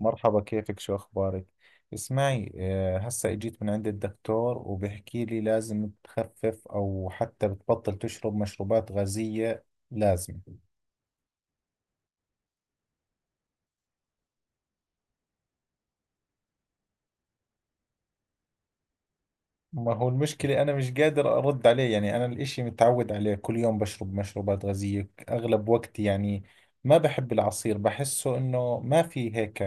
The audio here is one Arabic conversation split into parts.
مرحبا، كيفك؟ شو أخبارك؟ اسمعي هسا اجيت من عند الدكتور وبحكي لي لازم تخفف أو حتى بتبطل تشرب مشروبات غازية. لازم. ما هو المشكلة أنا مش قادر أرد عليه. يعني أنا الإشي متعود عليه، كل يوم بشرب مشروبات غازية أغلب وقتي. يعني ما بحب العصير، بحسه إنه ما في هيك،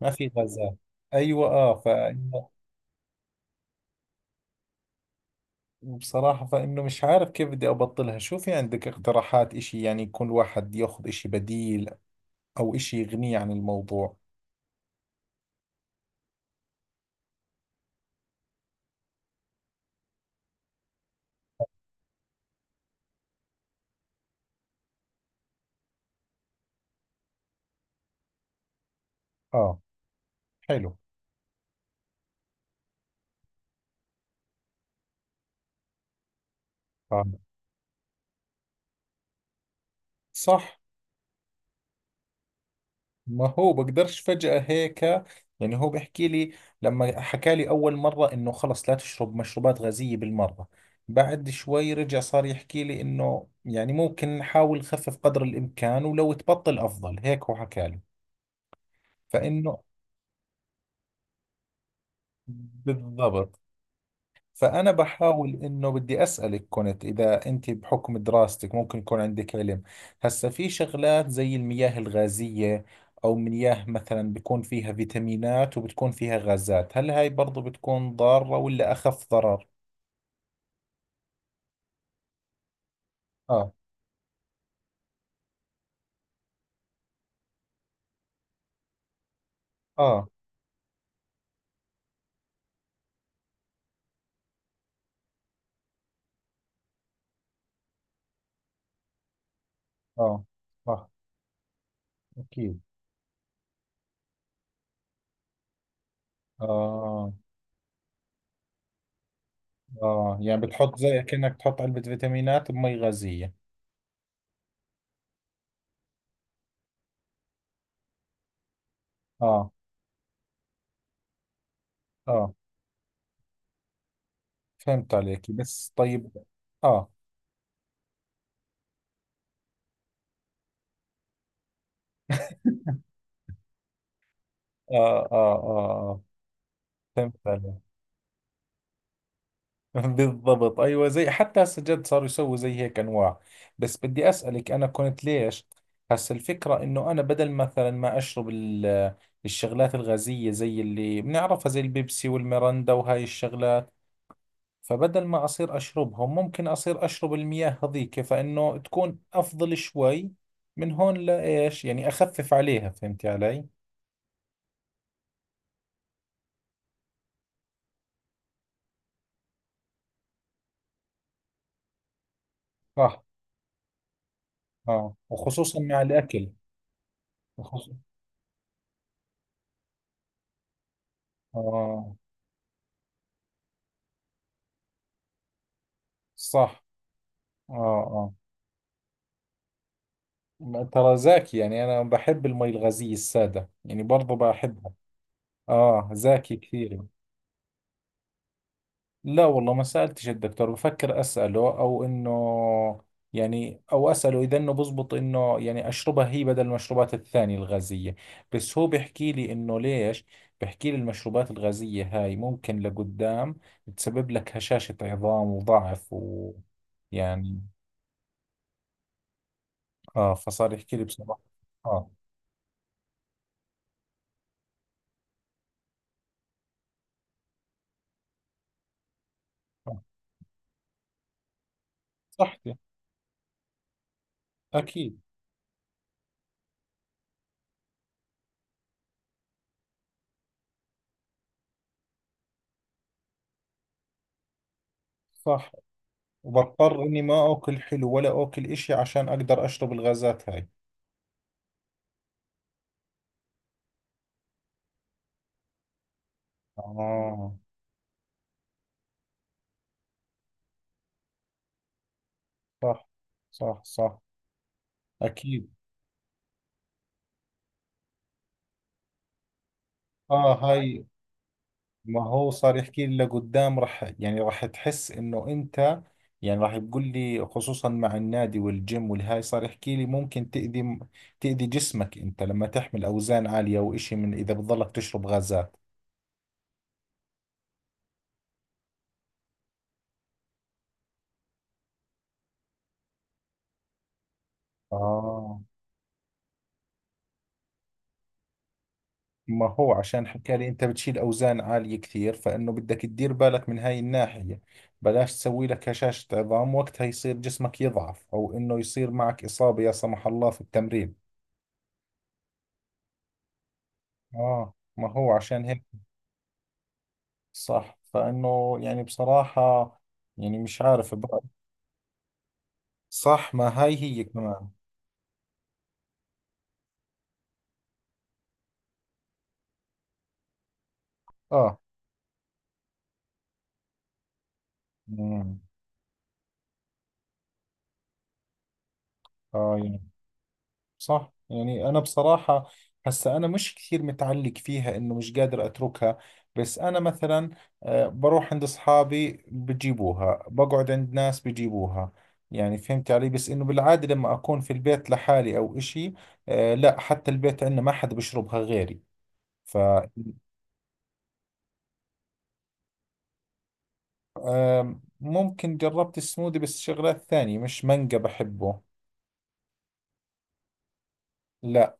ما في غازات. أيوة. فإنه بصراحة فإنه مش عارف كيف بدي أبطلها. شو في عندك اقتراحات؟ إشي يعني يكون الواحد ياخذ إشي بديل او اشي يغنيه عن الموضوع. اه. حلو. آه. صح. ما هو بقدرش فجأة هيك. يعني هو بيحكي لي، لما حكى لي اول مرة انه خلص لا تشرب مشروبات غازية بالمرة، بعد شوي رجع صار يحكي لي انه يعني ممكن نحاول نخفف قدر الامكان، ولو تبطل افضل، هيك هو حكى لي فانه. بالضبط. فأنا بحاول، إنه بدي أسألك كنت، إذا أنت بحكم دراستك ممكن يكون عندك علم، هسا في شغلات زي المياه الغازية أو مياه مثلا بيكون فيها فيتامينات وبتكون فيها غازات، هل هاي برضو بتكون ضارة ولا أخف ضرر؟ آه. آه. آه. صح. أكيد. آه. آه يعني بتحط زي كأنك تحط علبة فيتامينات بمي غازية. آه. آه فهمت عليك، بس طيب. آه. آه. آه. فهمت عليك. بالضبط، ايوه، زي حتى هسه جد صاروا يسووا زي هيك انواع. بس بدي اسالك، انا كنت ليش، هسه الفكره انه انا بدل مثلا ما اشرب الشغلات الغازيه زي اللي بنعرفها، زي البيبسي والميرندا وهاي الشغلات، فبدل ما اصير اشربهم ممكن اصير اشرب المياه هذيك، فانه تكون افضل شوي من هون، لايش يعني؟ اخفف عليها، فهمتي علي؟ صح. اه، وخصوصا مع الاكل. وخصوصا. اه. صح. اه. آه. ما- ترى زاكي، يعني أنا بحب المي الغازية السادة، يعني برضو بحبها. آه، زاكي كثير. لا والله ما سألتش الدكتور، بفكر أسأله أو إنه، يعني أو أسأله إذا إنه بزبط إنه يعني أشربها هي بدل المشروبات الثانية الغازية. بس هو بيحكي لي إنه ليش، بيحكي لي المشروبات الغازية هاي ممكن لقدام تسبب لك هشاشة عظام وضعف ويعني. آه، فصار يحكي لي بصراحة. آه. آه. صحتي. أكيد. صح. وبضطر اني ما اكل حلو ولا اكل اشي عشان اقدر اشرب الغازات هاي. اه. صح. صح. اكيد. اه. هاي، ما هو صار يحكي لي لقدام رح، يعني رح تحس انه انت، يعني راح يقول لي خصوصا مع النادي والجيم والهاي، صار يحكي لي ممكن تأذي جسمك انت، لما تحمل اوزان عالية واشي، من اذا بتضلك تشرب غازات. اه، ما هو عشان حكى لي انت بتشيل اوزان عالية كثير، فانه بدك تدير بالك من هاي الناحية. بلاش تسوي لك هشاشة عظام، وقتها يصير جسمك يضعف او انه يصير معك اصابة لا سمح الله في التمرين. اه، ما هو عشان هيك. صح. فانه يعني بصراحة، يعني مش عارف برأيي. صح، ما هاي هي كمان. اه. امم اه، يعني. صح. يعني أنا بصراحة، هسا أنا مش كثير متعلق فيها إنه مش قادر أتركها. بس أنا مثلا، بروح عند أصحابي بجيبوها، بقعد عند ناس بجيبوها، يعني، فهمت علي؟ بس إنه بالعادة لما أكون في البيت لحالي أو إشي، لا حتى البيت عندنا ما حدا بشربها غيري. ف ممكن جربت السموذي بس شغلات ثانية، مش مانجا بحبه. لا.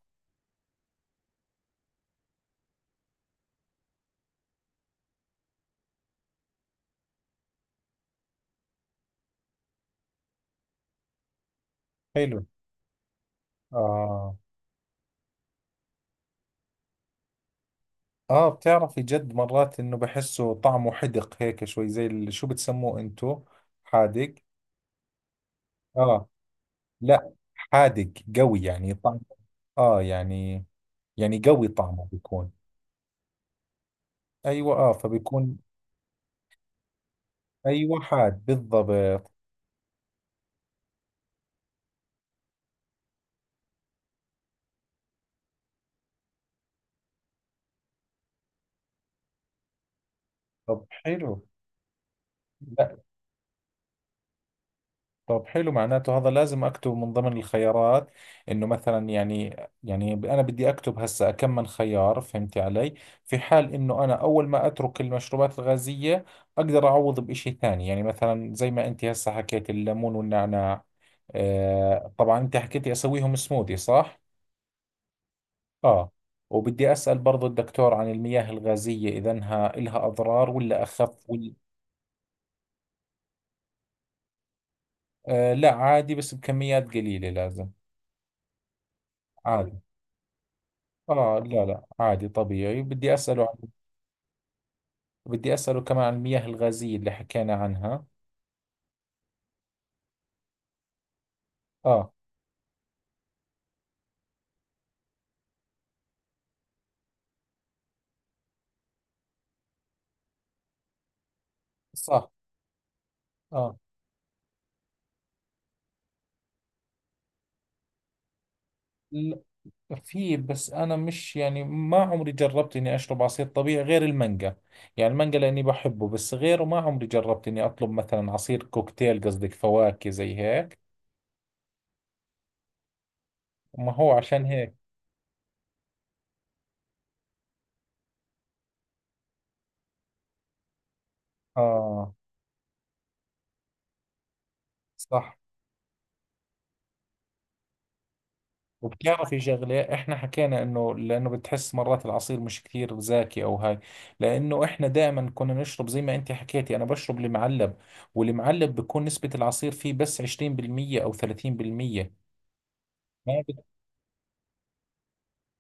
حلو. آه. اه بتعرفي جد، مرات انه بحسه طعمه حدق هيك شوي، زي شو بتسموه انتو. حادق. اه، لا، حادق قوي، يعني طعم. اه يعني، يعني قوي طعمه بيكون. ايوه، اه، فبيكون. ايوه، حاد بالضبط. طب حلو. طب حلو، معناته هذا لازم اكتبه من ضمن الخيارات، انه مثلا يعني، يعني انا بدي اكتب هسه كم من خيار، فهمتي علي؟ في حال انه انا اول ما اترك المشروبات الغازية اقدر اعوض بإشي ثاني، يعني مثلا زي ما انت هسه حكيت الليمون والنعناع. آه طبعا، انت حكيتي اسويهم سموذي صح؟ اه. وبدي اسأل برضو الدكتور عن المياه الغازية اذا إنها إلها اضرار ولا اخف ولا. آه لا عادي، بس بكميات قليلة لازم. عادي. آه لا لا، عادي طبيعي، بدي أسأله عن... بدي أسأله كمان عن المياه الغازية اللي حكينا عنها. آه. صح. آه. ل- في، بس أنا مش يعني ما عمري جربت إني أشرب عصير طبيعي غير المانجا، يعني المانجا لأني بحبه، بس غيره ما عمري جربت إني أطلب مثلا عصير كوكتيل، قصدك فواكه زي هيك. ما هو عشان هيك. آه. صح. وبتعرفي شغلة، احنا حكينا انه لانه بتحس مرات العصير مش كثير زاكي او هاي، لانه احنا دائما كنا نشرب، زي ما انت حكيتي انا بشرب المعلب، والمعلب بكون نسبة العصير فيه بس 20% او 30%. ما بت...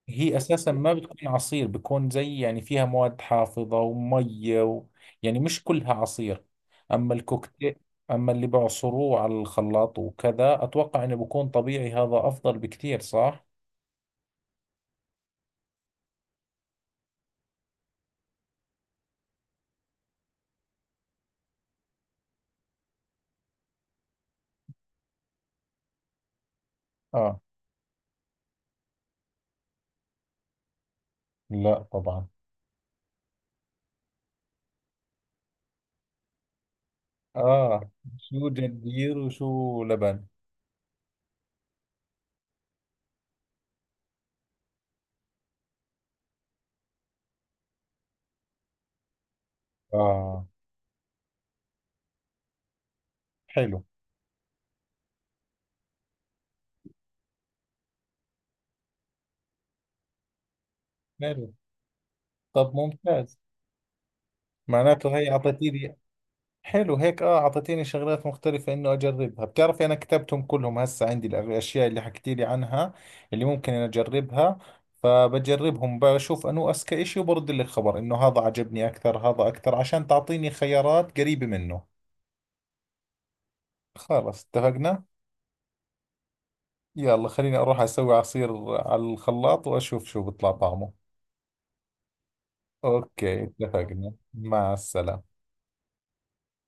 هي اساسا ما بتكون عصير، بكون زي يعني فيها مواد حافظة ومية و... يعني مش كلها عصير. اما الكوكتيل، اما اللي بعصروه على الخلاط وكذا اتوقع انه بكون طبيعي، هذا افضل بكثير صح؟ اه. لا طبعا. اه، شو جرجير وشو لبن. اه. حلو. حلو. طب ممتاز. معناته هي اعطيتيني، حلو هيك، اه اعطيتيني شغلات مختلفة انه اجربها. بتعرفي انا كتبتهم كلهم هسه عندي، الاشياء اللي حكيتي لي عنها اللي ممكن انا اجربها، فبجربهم بشوف انو اذكى اشي، وبرد لك خبر انه هذا عجبني اكثر هذا اكثر، عشان تعطيني خيارات قريبة منه. خلاص اتفقنا. يلا خليني اروح اسوي عصير على الخلاط واشوف شو بيطلع طعمه. اوكي اتفقنا، مع السلامة.